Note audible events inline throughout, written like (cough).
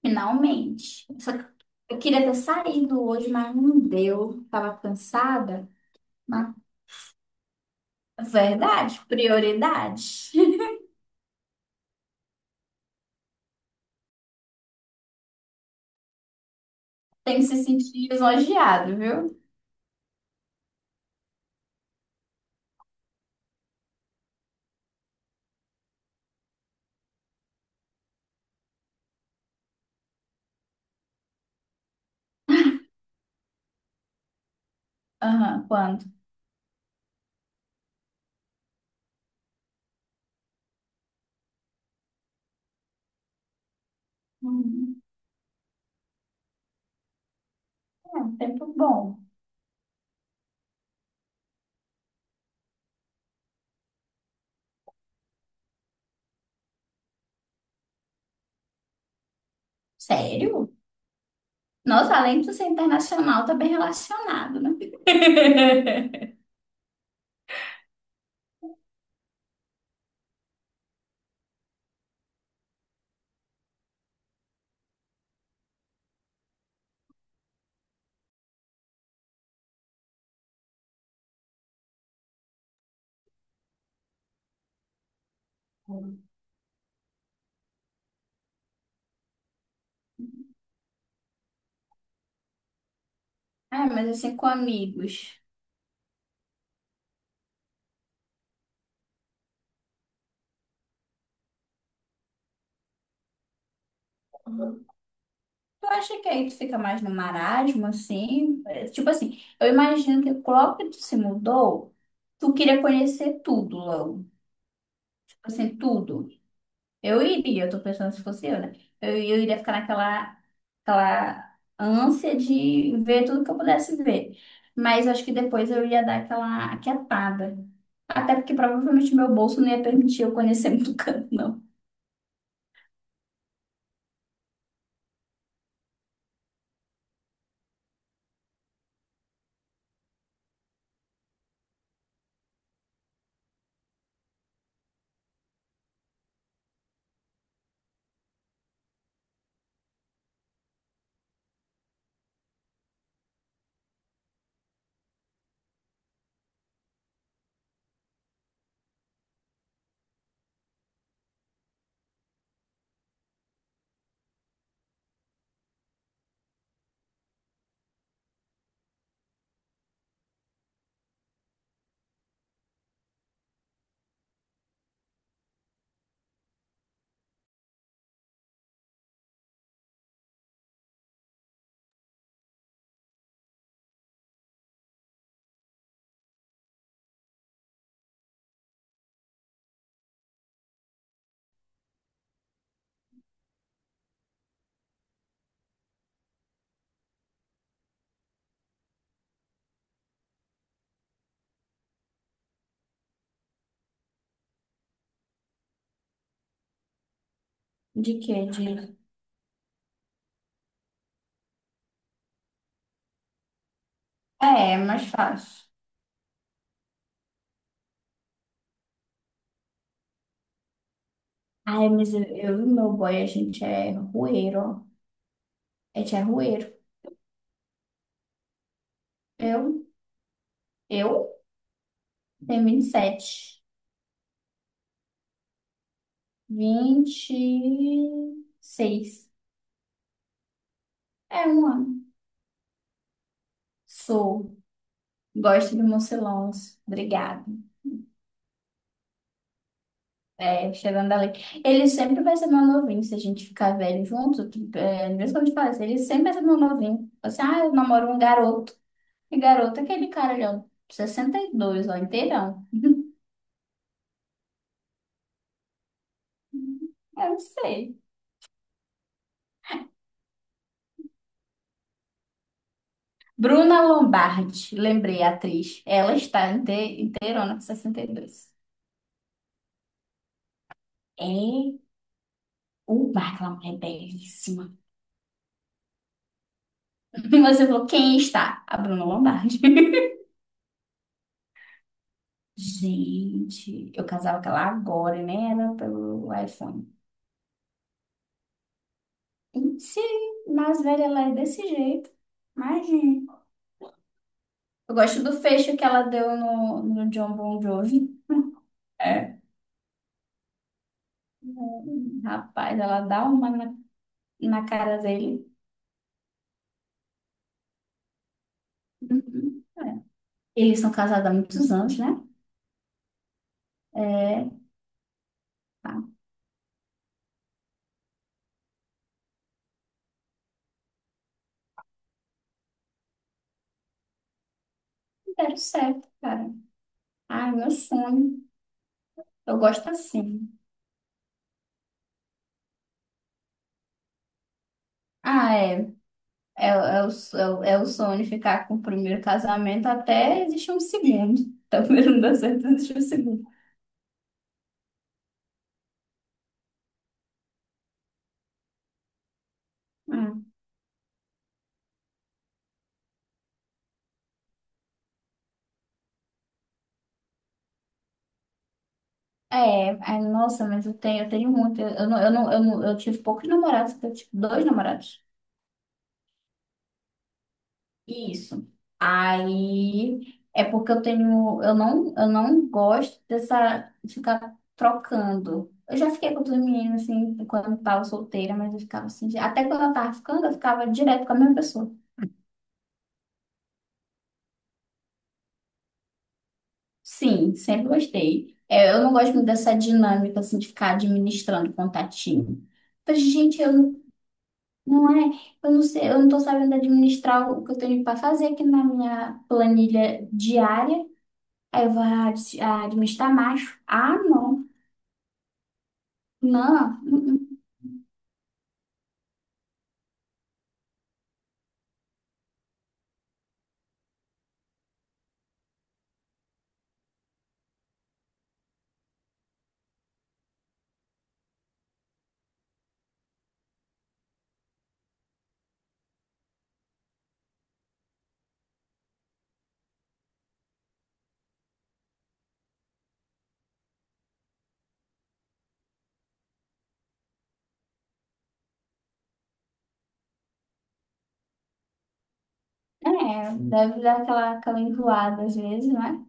Finalmente. Só que eu queria ter saído hoje, mas não deu. Tava cansada. Mas, verdade, prioridade. (laughs) Tem que se sentir elogiado, viu? Aham, quando? Hum, é um tempo bom. Sério? Nossa, além de tu ser internacional, tá bem relacionado, né? (laughs) Ah, mas assim, com amigos. Tu acha que aí tu fica mais no marasmo, assim? É, tipo assim, eu imagino que logo que tu se mudou. Tu queria conhecer tudo logo. Tipo assim, tudo. Eu iria, eu tô pensando se fosse eu, né? Eu iria ficar naquela aquela ânsia de ver tudo que eu pudesse ver. Mas eu acho que depois eu ia dar aquela aquietada. Até porque provavelmente meu bolso não ia permitir eu conhecer (laughs) muito canto, não. De quê? De... É, é mais fácil. Ai, mas eu e meu boy, a gente é rueiro, ó. A gente é rueiro. Eu, eu tenho 27. 26. É um ano. Sou. Gosto de Mocilons. Obrigada. É, chegando ali. Ele sempre vai ser meu novinho se a gente ficar velho junto. Tipo, é mesmo quando eu te falei, assim, ele sempre vai ser meu novinho. Assim, ah, eu namoro um garoto. E garoto é aquele cara ali, ó, 62, ó, inteirão. Eu não sei. Bruna Lombardi, lembrei, a atriz. Ela está inteirona com 62. É uma, aquela mulher belíssima. (laughs) E você falou, quem está? A Bruna Lombardi. (laughs) Gente, eu casava com ela agora, né? Era pelo iPhone. E sim, mais velha ela é desse jeito. Imagina. Eu gosto do fecho que ela deu no John Bon Jovi. (laughs) É. Rapaz, ela dá uma na cara dele. Uhum. Eles são casados há muitos anos, né? É, tá. Deram certo, cara. Ai, meu sonho. Eu gosto assim. Ah, é. O é sonho ficar com o primeiro casamento até existir um segundo. (laughs) Então, primeiro não deu certo, existe um segundo. Hum. Nossa, mas eu tenho muito. Eu, não, eu não, eu não, eu tive poucos namorados, eu tive tipo, dois namorados. Isso. Aí é porque eu tenho, eu não gosto dessa de ficar trocando. Eu já fiquei com outras meninas assim, quando eu tava solteira, mas eu ficava assim, de- até quando eu tava ficando, eu ficava direto com a mesma pessoa. Sim, sempre gostei. É, eu não gosto muito dessa dinâmica assim, de ficar administrando contatinho. Mas gente, eu não, não é, eu não sei, eu não tô sabendo administrar o que eu tenho para fazer aqui na minha planilha diária. Aí eu vou administrar macho. Ah, não. Não. Uh-uh. É, deve dar aquela enjoada às vezes, não é?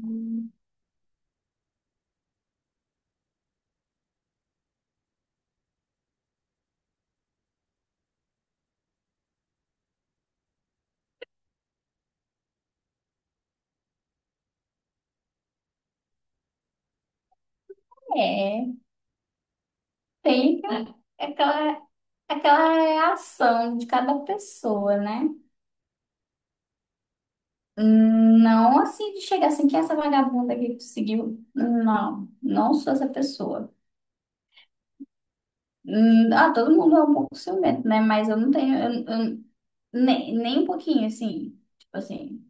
Hum. É, tem aquela reação de cada pessoa, né? Não assim de chegar assim, que é essa vagabunda aqui que tu seguiu? Não, não sou essa pessoa. Ah, todo mundo é um pouco ciumento, né? Mas eu não tenho, nem um pouquinho, assim. Tipo assim,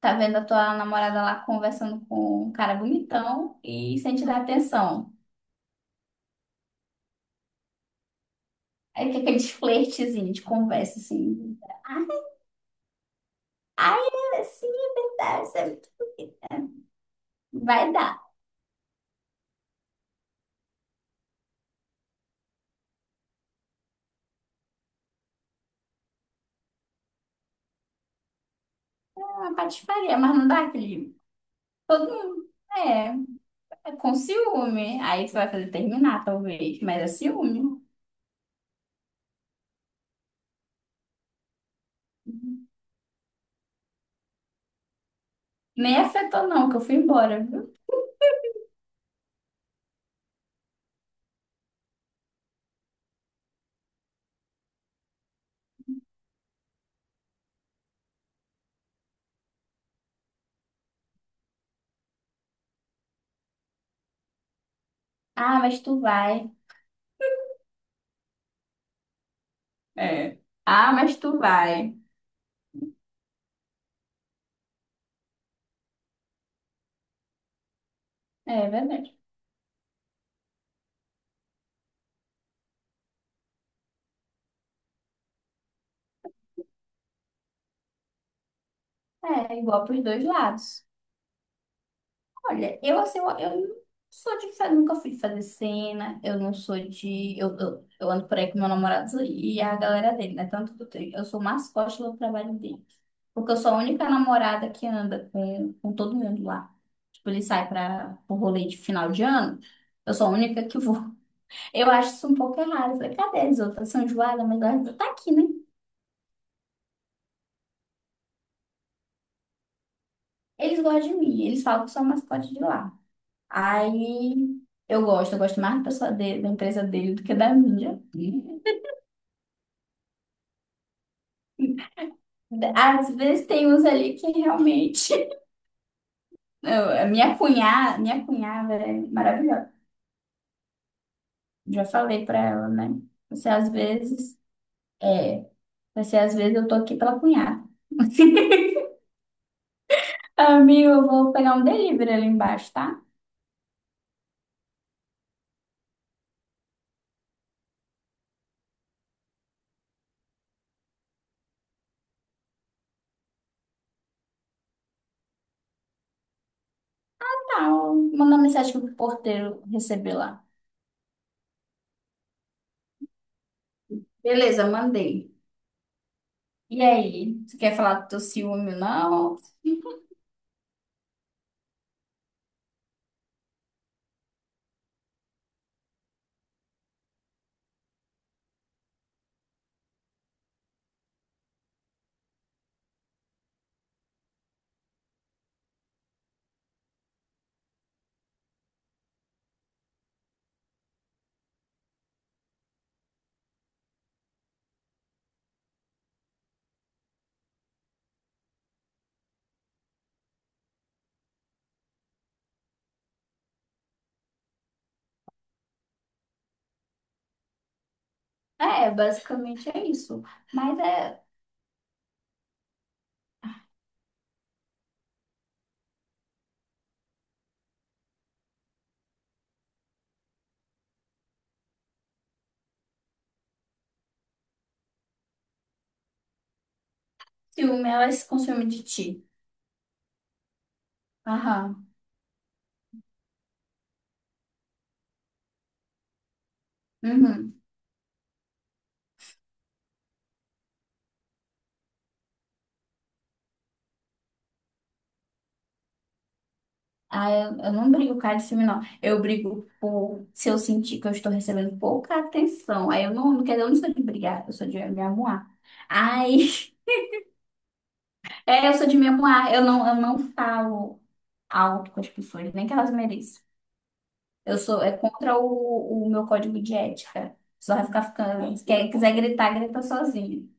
tá vendo a tua namorada lá conversando com um cara bonitão e sem te dar atenção. Aí tem aqueles flertezinhos de conversa, assim. Ai, ai, sim, é verdade. Você vai dar uma patifaria, mas não dá aquele. Todo mundo. É. Com ciúme. Aí tu vai fazer terminar, talvez. Mas é ciúme. Nem afetou, não, que eu fui embora, viu? Ah, mas tu vai. É. Ah, mas tu vai. É verdade. É, igual pros dois lados. Olha, eu assim, eu não sou de fazer, nunca fui de fazer cena, eu não sou de. Eu ando por aí com meu namorado e a galera dele, né? Tanto que eu tenho. Eu sou mascote do trabalho dele. Porque eu sou a única namorada que anda com todo mundo lá. Tipo, ele sai para o rolê de final de ano. Eu sou a única que vou. (laughs) Eu acho isso um pouco errado. Eu falei, cadê as outras? São enjoadas, mas elas tá aqui, né? Eles gostam de mim. Eles falam que eu sou a mascote de lá. Aí eu gosto. Eu gosto mais da pessoa dele, da empresa dele do que da minha. Às vezes tem uns ali que realmente... (laughs) Eu- a minha cunhada é maravilhosa. Já falei pra ela, né? Você às vezes... É, vai ser, às vezes eu tô aqui pela cunhada. (laughs) Amigo, eu vou pegar um delivery ali embaixo, tá? Tá, eu- manda uma mensagem pro porteiro receber lá. Beleza, mandei. E aí, você quer falar do teu ciúme, não? É, basicamente é isso. Mas é ciúme, ela se consome de ti. Aham. Uhum. Ah, eu não brigo por causa de ciúme, não. Eu brigo por se eu sentir que eu estou recebendo pouca atenção. Aí eu não quero, eu não sou de brigar, eu sou de me arrumar. Ai. É, eu sou de memoar, eu não falo alto com as pessoas, nem que elas mereçam. Eu sou, é contra o meu código de ética. Só vai ficar ficando, se quiser gritar, grita sozinho.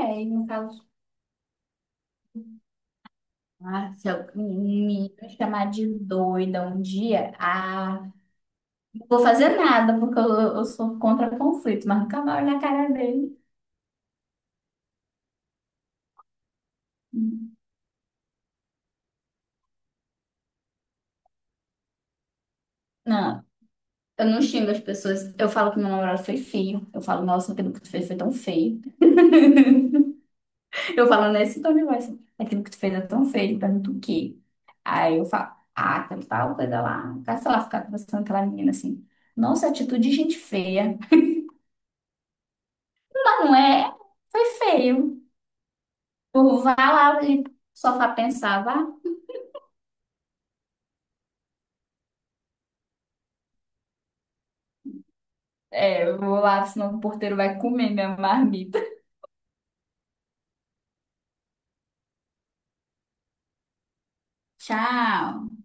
É, e no caso, ah, se eu me chamar de doida um dia, ah, não vou fazer nada, porque eu sou contra conflito, mas nunca mais olho na cara dele. Não, eu não xingo as pessoas. Eu falo que meu namorado foi feio. Eu falo, nossa, aquilo que tu fez foi tão feio. Eu falo nesse tom de voz, assim, aquilo que tu fez é tão feio, pergunto o quê? Aí eu falo, ah, aquela tal coisa lá, cara, sei lá, ficar conversando com aquela menina assim, nossa, atitude de gente feia. Ela não é, foi feio. Eu vá lá e só pra pensar, vá. É, eu vou lá, senão o porteiro vai comer minha marmita. Tchau.